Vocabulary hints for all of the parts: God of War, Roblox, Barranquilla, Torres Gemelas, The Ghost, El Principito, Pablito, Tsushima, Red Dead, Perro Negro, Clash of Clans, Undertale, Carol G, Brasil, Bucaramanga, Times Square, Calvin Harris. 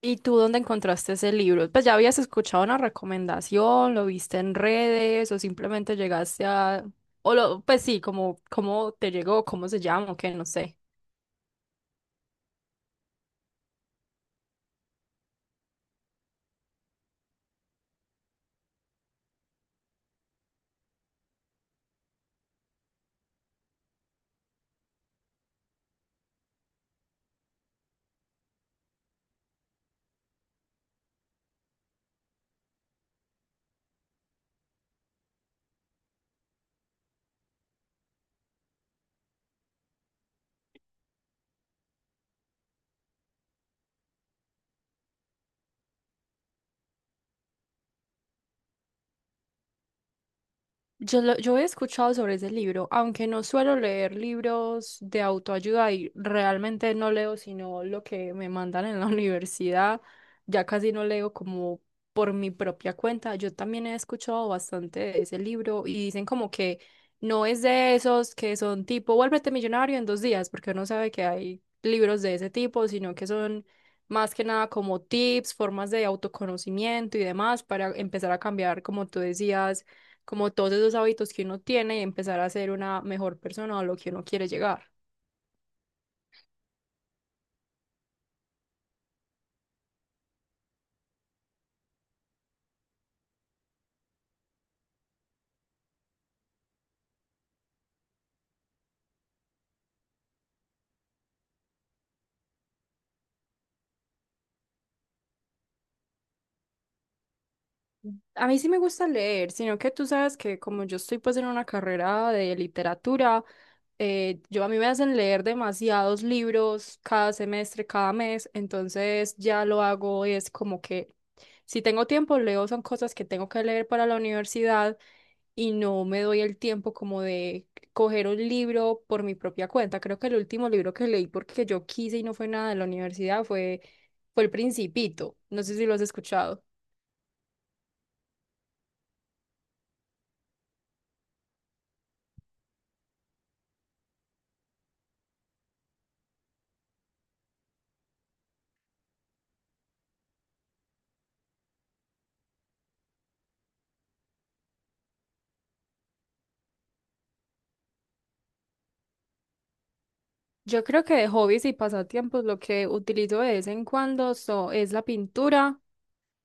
¿Y tú dónde encontraste ese libro? Pues ya habías escuchado una recomendación, ¿lo viste en redes o simplemente llegaste a...? O lo, pues sí, como ¿cómo te llegó, cómo se llama, o qué? No sé. Yo he escuchado sobre ese libro, aunque no suelo leer libros de autoayuda y realmente no leo sino lo que me mandan en la universidad, ya casi no leo como por mi propia cuenta. Yo también he escuchado bastante de ese libro y dicen como que no es de esos que son tipo, vuélvete millonario en dos días, porque uno sabe que hay libros de ese tipo, sino que son más que nada como tips, formas de autoconocimiento y demás para empezar a cambiar, como tú decías, como todos esos hábitos que uno tiene, y empezar a ser una mejor persona a lo que uno quiere llegar. A mí sí me gusta leer, sino que tú sabes que como yo estoy pues en una carrera de literatura, yo a mí me hacen leer demasiados libros cada semestre, cada mes, entonces ya lo hago, es como que si tengo tiempo leo son cosas que tengo que leer para la universidad y no me doy el tiempo como de coger un libro por mi propia cuenta. Creo que el último libro que leí porque yo quise y no fue nada de la universidad fue El Principito. No sé si lo has escuchado. Yo creo que de hobbies y pasatiempos lo que utilizo de vez en cuando es la pintura,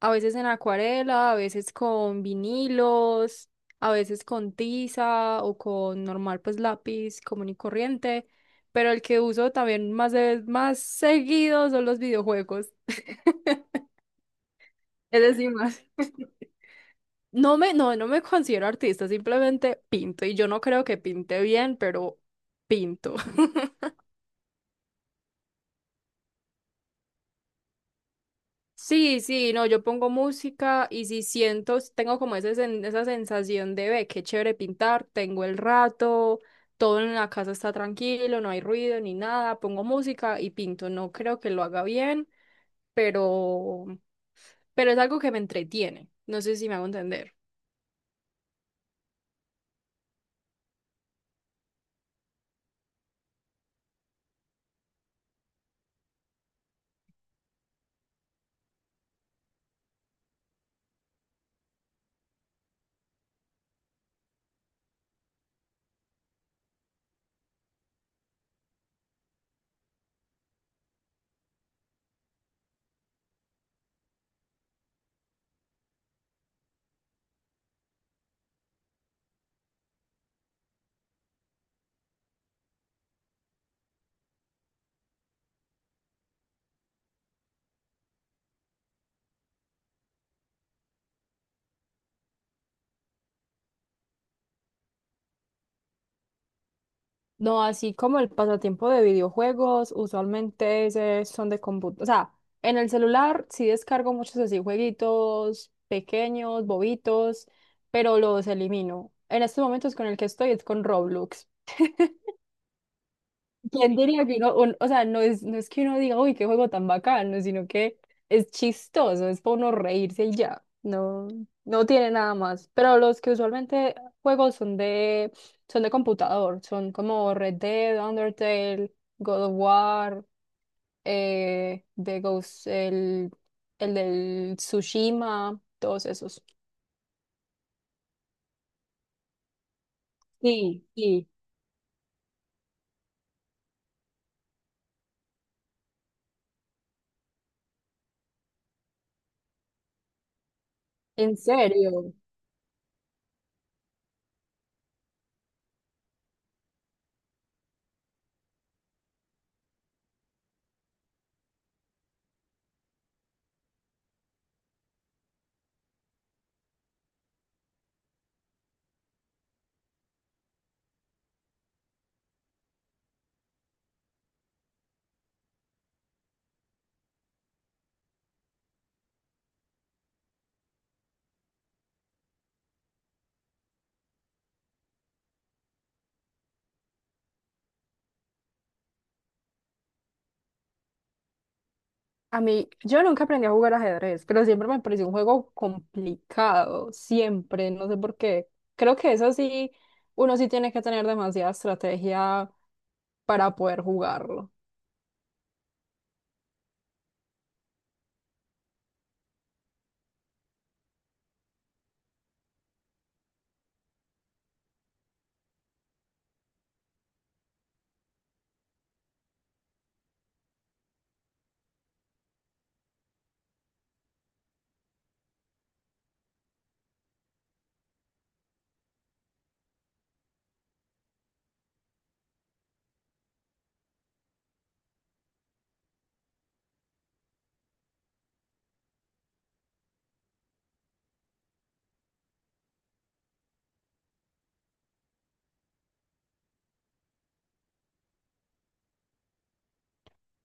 a veces en acuarela, a veces con vinilos, a veces con tiza o con normal pues lápiz común y corriente, pero el que uso también más, más seguido son los videojuegos. Eres y más. No me considero artista, simplemente pinto y yo no creo que pinte bien, pero pinto. Sí, sí, no, yo pongo música y si siento, si tengo como ese, esa sensación de ve, qué chévere pintar, tengo el rato, todo en la casa está tranquilo, no hay ruido ni nada, pongo música y pinto. No creo que lo haga bien, pero, pero es algo que me entretiene. No sé si me hago entender. No, así como el pasatiempo de videojuegos, usualmente ese son de computador. O sea, en el celular sí descargo muchos así jueguitos pequeños, bobitos, pero los elimino. En estos momentos con el que estoy es con Roblox. ¿Quién diría que uno, o sea, no es, no es que uno diga, uy, qué juego tan bacano, sino que es chistoso, es para uno reírse y ya? No, no tiene nada más. Pero los que usualmente juego son de computador, son como Red Dead, Undertale, God of War, The Ghost, el del Tsushima, todos esos. Sí, sí, en serio. A mí, yo nunca aprendí a jugar ajedrez, pero siempre me pareció un juego complicado, siempre, no sé por qué. Creo que eso sí, uno sí tiene que tener demasiada estrategia para poder jugarlo.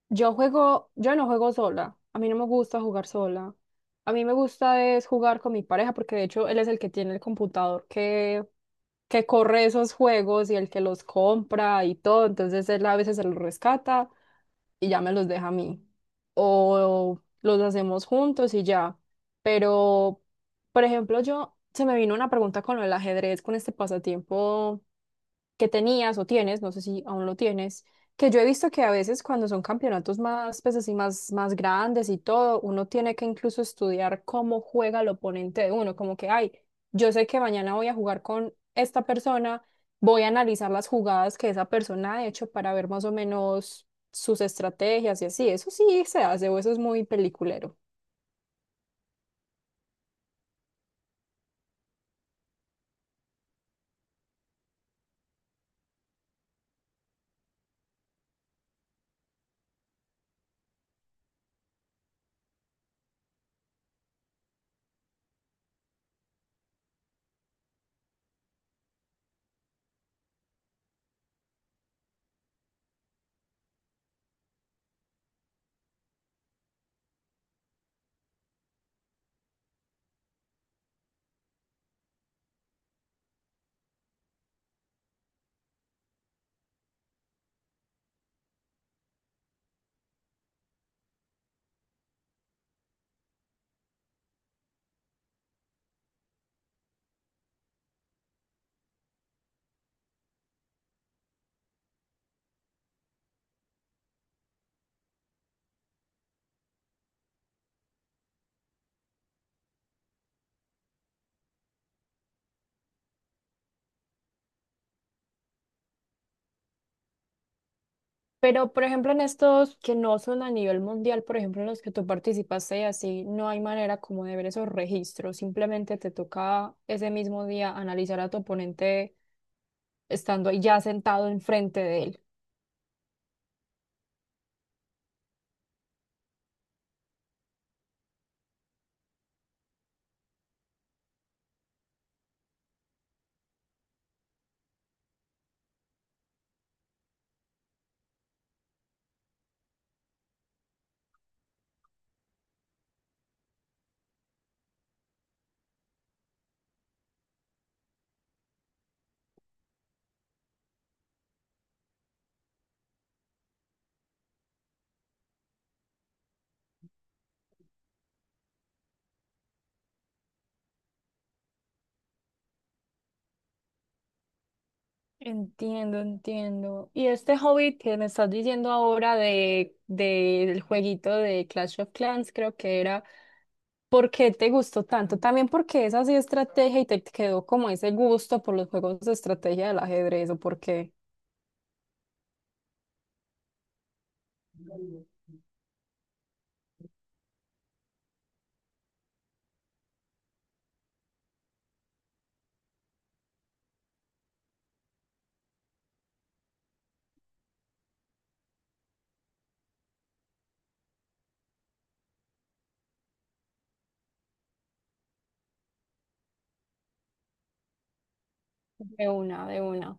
Yo juego, yo no juego sola. A mí no me gusta jugar sola. A mí me gusta es jugar con mi pareja porque de hecho él es el que tiene el computador que corre esos juegos y el que los compra y todo. Entonces él a veces se los rescata y ya me los deja a mí. O los hacemos juntos y ya. Pero, por ejemplo, yo se me vino una pregunta con el ajedrez, con este pasatiempo que tenías o tienes, no sé si aún lo tienes, que yo he visto que a veces cuando son campeonatos más, pues así, más, más grandes y todo, uno tiene que incluso estudiar cómo juega el oponente de uno, como que, ay, yo sé que mañana voy a jugar con esta persona, voy a analizar las jugadas que esa persona ha hecho para ver más o menos sus estrategias y así, ¿eso sí se hace o eso es muy peliculero? Pero, por ejemplo, en estos que no son a nivel mundial, por ejemplo, en los que tú participaste y así, no hay manera como de ver esos registros. Simplemente te toca ese mismo día analizar a tu oponente estando ahí ya sentado enfrente de él. Entiendo, entiendo. Y este hobby que me estás diciendo ahora del jueguito de Clash of Clans, creo que era, ¿por qué te gustó tanto? También porque es así estrategia y te quedó como ese gusto por los juegos de estrategia del ajedrez, ¿o por qué? De una, de una.